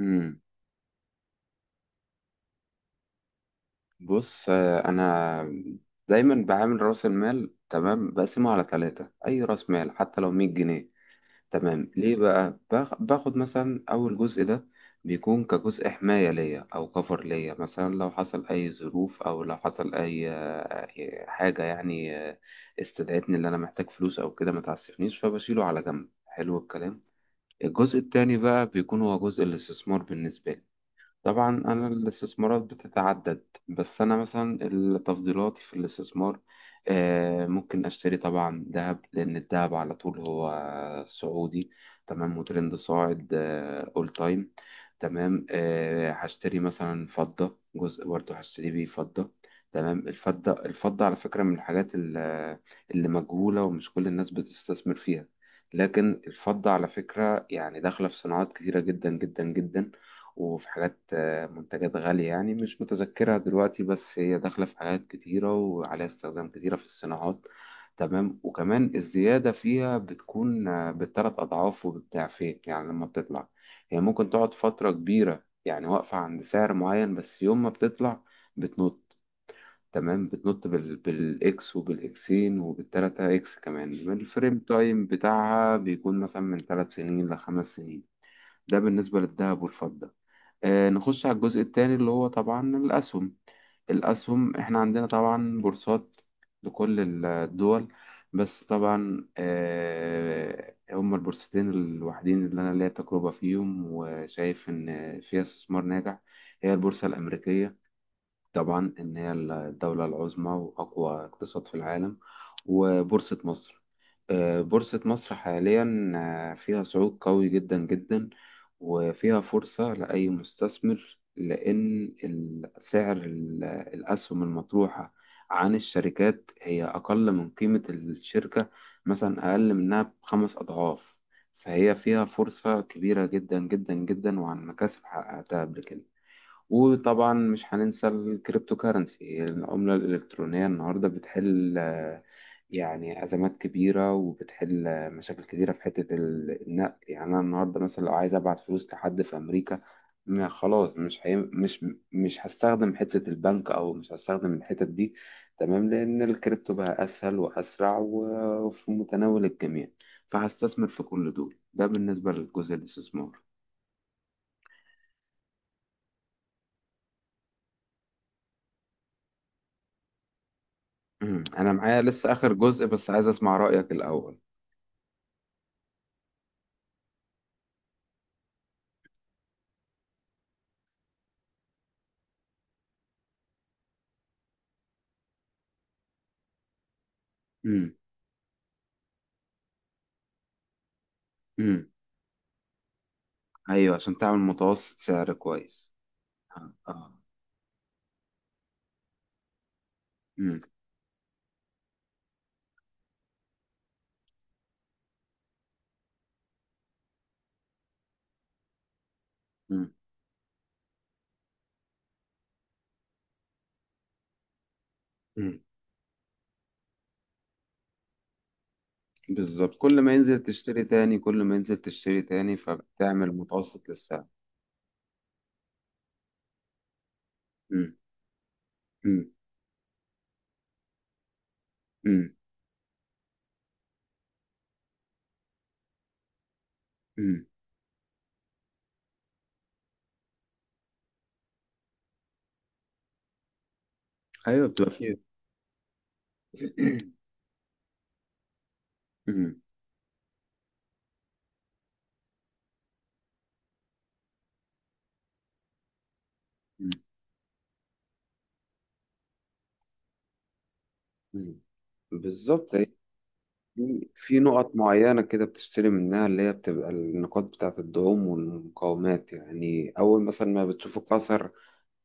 امم بص، انا دايما بعامل راس المال. تمام، بقسمه على ثلاثة اي راس مال حتى لو 100 جنيه. تمام، ليه بقى؟ باخد مثلا اول جزء ده. بيكون كجزء حماية ليا او كفر ليا، مثلا لو حصل اي ظروف او لو حصل اي أي حاجة، يعني استدعتني اللي انا محتاج فلوس او كده، ما تعسفنيش، فبشيله على جنب. حلو الكلام. الجزء التاني بقى بيكون هو جزء الاستثمار بالنسبة لي. طبعا أنا الاستثمارات بتتعدد، بس أنا مثلا تفضيلاتي في الاستثمار ممكن أشتري طبعا ذهب، لأن الذهب على طول هو صعودي. تمام، وترند صاعد. أول تايم. تمام، هشتري مثلا فضة. جزء برضه هشتري بيه فضة. تمام، الفضة الفضة على فكرة من الحاجات اللي مجهولة ومش كل الناس بتستثمر فيها، لكن الفضة على فكرة يعني داخلة في صناعات كتيرة جدا جدا جدا. وفي حاجات، منتجات غالية يعني، مش متذكرها دلوقتي، بس هي داخلة في حاجات كتيرة وعليها استخدام كتيرة في الصناعات. تمام، وكمان الزيادة فيها بتكون بالتلات أضعاف وبالضعفين. يعني لما بتطلع، هي ممكن تقعد فترة كبيرة يعني واقفة عند سعر معين، بس يوم ما بتطلع بتنط. تمام، بتنط بالإكس وبالإكسين وبالتلاتة إكس. كمان الفريم تايم بتاعها بيكون مثلا من 3 سنين ل5 سنين. ده بالنسبة للذهب والفضة. نخش على الجزء التاني اللي هو طبعا الأسهم. الأسهم إحنا عندنا طبعا بورصات لكل الدول، بس طبعا هما البورصتين الوحيدين اللي أنا ليا تجربة فيهم وشايف إن فيها استثمار ناجح. هي البورصة الأمريكية، طبعا إن هي الدولة العظمى وأقوى اقتصاد في العالم. وبورصة مصر. بورصة مصر حاليا فيها صعود قوي جدا جدا، وفيها فرصة لأي مستثمر، لأن سعر الأسهم المطروحة عن الشركات هي أقل من قيمة الشركة، مثلا أقل منها بخمس أضعاف. فهي فيها فرصة كبيرة جدا جدا جدا، وعن مكاسب حققتها قبل كده. وطبعا مش هننسى الكريبتو كارنسي، العملة الإلكترونية النهاردة بتحل يعني أزمات كبيرة، وبتحل مشاكل كتيرة في حتة النقل. يعني أنا النهاردة مثلا لو عايز أبعت فلوس لحد في أمريكا، ما خلاص مش هي... مش مش هستخدم حتة البنك، أو مش هستخدم الحتة دي. تمام، لأن الكريبتو بقى أسهل وأسرع وفي متناول الجميع. فهستثمر في كل دول. ده بالنسبة للجزء الاستثمار. انا معايا لسه اخر جزء، بس عايز اسمع رأيك الاول. امم. امم. ايوه، عشان تعمل متوسط سعر كويس. اه. آه. امم. امم. امم. بالظبط، كل ما ينزل تشتري تاني، كل ما ينزل تشتري تاني، فبتعمل متوسط للسعر. امم. امم. امم. أمم. ايوه بتبقى فيه. امم. أمم. مم. بالظبط، هي في في نقط معينة كده بتشتري منها، اللي هي بتبقى النقاط بتاعة الدعوم والمقاومات. يعني أول مثلا ما بتشوف الكسر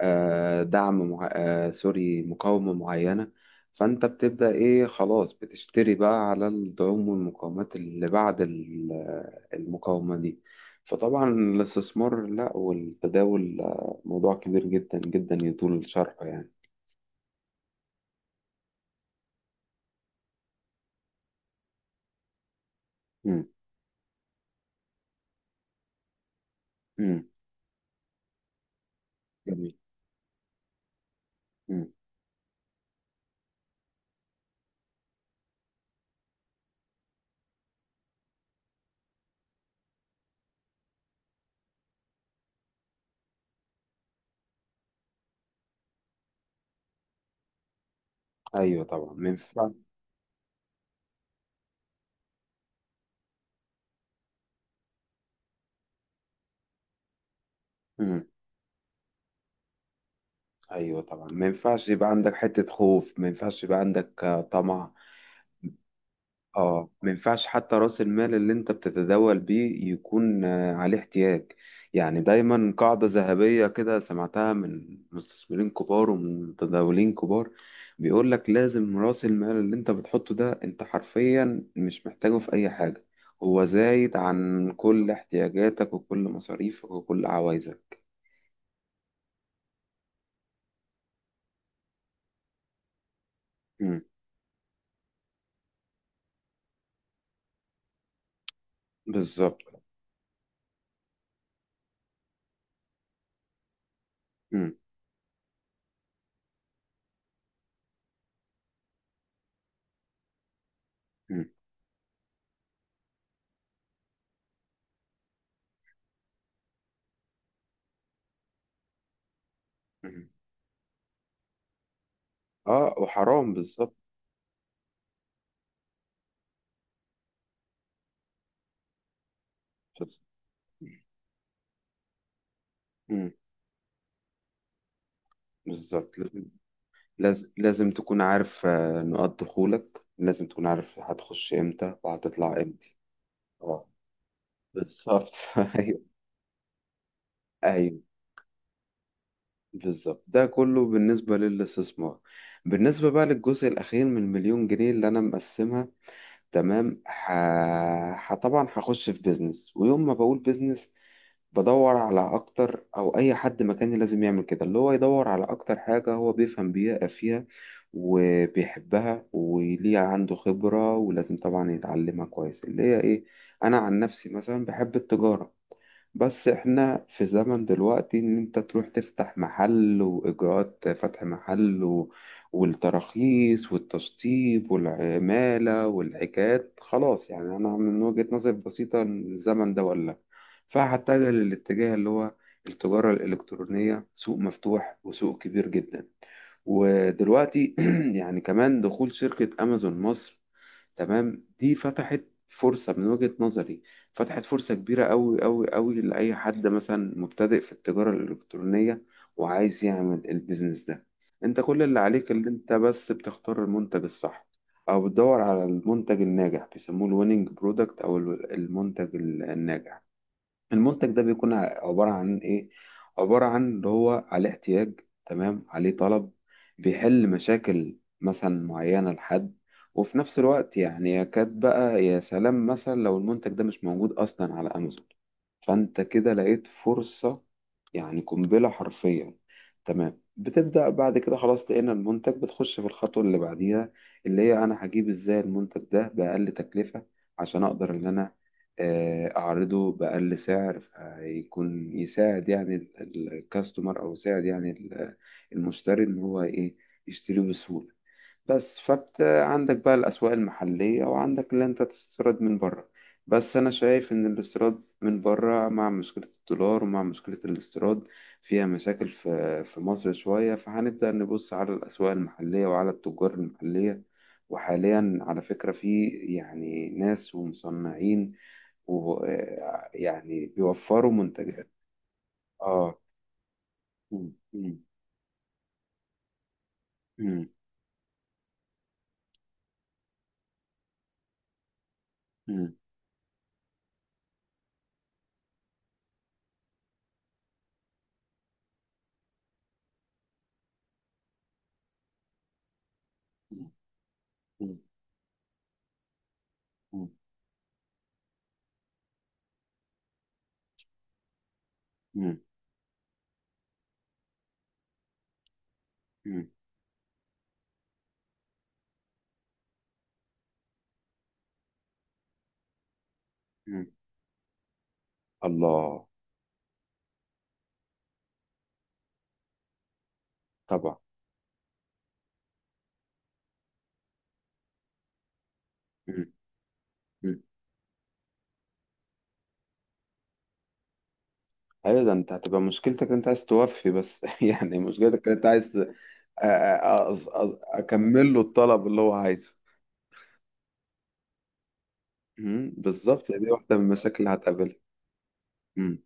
دعم مع... سوري، مقاومة معينة، فأنت بتبدأ إيه؟ خلاص بتشتري بقى على الدعوم والمقاومات اللي بعد المقاومة دي. فطبعا الاستثمار لا، والتداول موضوع كبير جدا جدا يطول شرحه يعني. مم. مم. جميل. مم. أيوه طبعا ما ينفع-. مم. أيوه طبعا، ما ينفعش يبقى عندك حتة خوف، ما ينفعش يبقى عندك طمع. اه، ما ينفعش حتى راس المال اللي انت بتتداول بيه يكون عليه احتياج. يعني دايما قاعدة ذهبية كده سمعتها من مستثمرين كبار ومن متداولين كبار، بيقول لك لازم راس المال اللي انت بتحطه ده انت حرفيا مش محتاجه في اي حاجة. هو زايد عن كل احتياجاتك وكل مصاريفك وكل عوايزك. مم. بالظبط. مم. مم. مم. اه، وحرام، بالظبط. مم. بالظبط. لازم تكون عارف نقاط دخولك، لازم تكون عارف هتخش امتى وهتطلع امتى. اه. بالظبط. ايوه. ايوه. بالظبط، ده كله بالنسبة للاستثمار. بالنسبة بقى للجزء الأخير من المليون جنيه اللي أنا مقسمها. تمام، طبعا هخش في بيزنس. ويوم ما بقول بيزنس، بدور على اكتر، او اي حد مكاني لازم يعمل كده، اللي هو يدور على اكتر حاجة هو بيفهم بيها فيها وبيحبها وليه عنده خبرة، ولازم طبعا يتعلمها كويس. اللي هي ايه؟ انا عن نفسي مثلا بحب التجارة. بس احنا في زمن دلوقتي ان انت تروح تفتح محل، واجراءات فتح محل والتراخيص والتشطيب والعمالة والحكايات، خلاص يعني انا من وجهة نظري بسيطة إن الزمن ده ولا. فهتجه للاتجاه اللي هو التجارة الإلكترونية. سوق مفتوح وسوق كبير جدا. ودلوقتي يعني كمان دخول شركة أمازون مصر، تمام، دي فتحت فرصة من وجهة نظري. فتحت فرصة كبيرة أوي أوي أوي لأي حد مثلا مبتدئ في التجارة الإلكترونية وعايز يعمل البيزنس ده. أنت كل اللي عليك اللي أنت بس بتختار المنتج الصح، أو بتدور على المنتج الناجح، بيسموه الويننج برودكت أو المنتج الناجح. المنتج ده بيكون عبارة عن إيه؟ عبارة عن اللي هو عليه احتياج، تمام، عليه طلب، بيحل مشاكل مثلا معينة لحد، وفي نفس الوقت يعني يكاد بقى، يا سلام مثلا لو المنتج ده مش موجود أصلا على أمازون، فأنت كده لقيت فرصة يعني، قنبلة حرفيا. تمام، بتبدأ بعد كده خلاص، لقينا المنتج، بتخش في الخطوة اللي بعديها، اللي هي أنا هجيب إزاي المنتج ده بأقل تكلفة، عشان أقدر إن أنا أعرضه بأقل سعر، فيكون يساعد يعني الكاستمر، أو يساعد يعني المشتري، إن هو إيه؟ يشتريه بسهولة. بس فانت عندك بقى الأسواق المحلية، وعندك اللي انت تستورد من بره. بس أنا شايف إن الاستيراد من بره مع مشكلة الدولار ومع مشكلة الاستيراد فيها مشاكل في مصر شوية. فهنبدأ نبص على الأسواق المحلية وعلى التجار المحلية. وحاليا على فكرة في يعني ناس ومصنعين و يعني بيوفروا منتجات. اه. مم. مم. مم. مم. مم. مم. مم. مم. الله. طبعا. مم. مم. ايوه، ده انت هتبقى مشكلتك انت عايز توفي بس يعني، مشكلتك انت عايز اكمل له الطلب اللي هو عايزه. مم. بالظبط، دي واحده من المشاكل اللي هتقابلها. مم.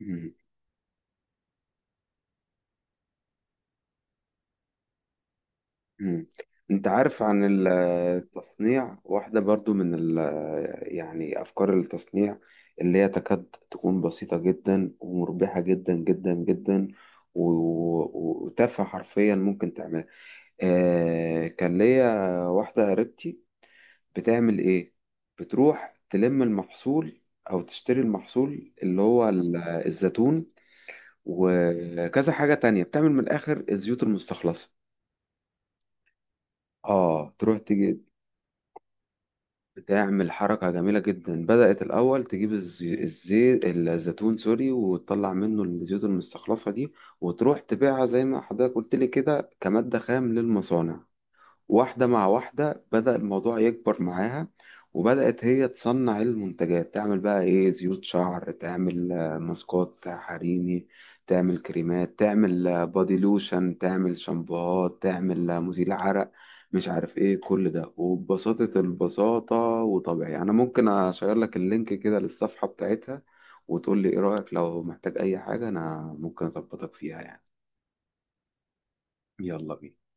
مم. مم. انت عارف عن التصنيع؟ واحده برضو من ال- يعني افكار التصنيع اللي هي تكاد تكون بسيطه جدا ومربحه جدا جدا جدا و- وتافهه حرفيا ممكن تعملها. آه كان ليا واحدة قريبتي، بتعمل إيه؟ بتروح تلم المحصول أو تشتري المحصول اللي هو الزيتون وكذا حاجة تانية، بتعمل من الآخر الزيوت المستخلصة. آه، تروح تجي بتعمل حركة جميلة جدا. بدأت الأول تجيب الزيتون، سوري، وتطلع منه الزيوت المستخلصة دي، وتروح تبيعها زي ما حضرتك قلت لي كده كمادة خام للمصانع. واحدة مع واحدة بدأ الموضوع يكبر معاها، وبدأت هي تصنع المنتجات. تعمل بقى إيه؟ زيوت شعر، تعمل ماسكات حريمي، تعمل كريمات، تعمل بودي لوشن، تعمل شامبوهات، تعمل مزيل عرق، مش عارف إيه كل ده. وببساطة البساطة. وطبيعي أنا ممكن أشير لك اللينك كده للصفحة بتاعتها، وتقول لي إيه رأيك. لو محتاج أي حاجة أنا ممكن أظبطك فيها يعني. يلا بينا.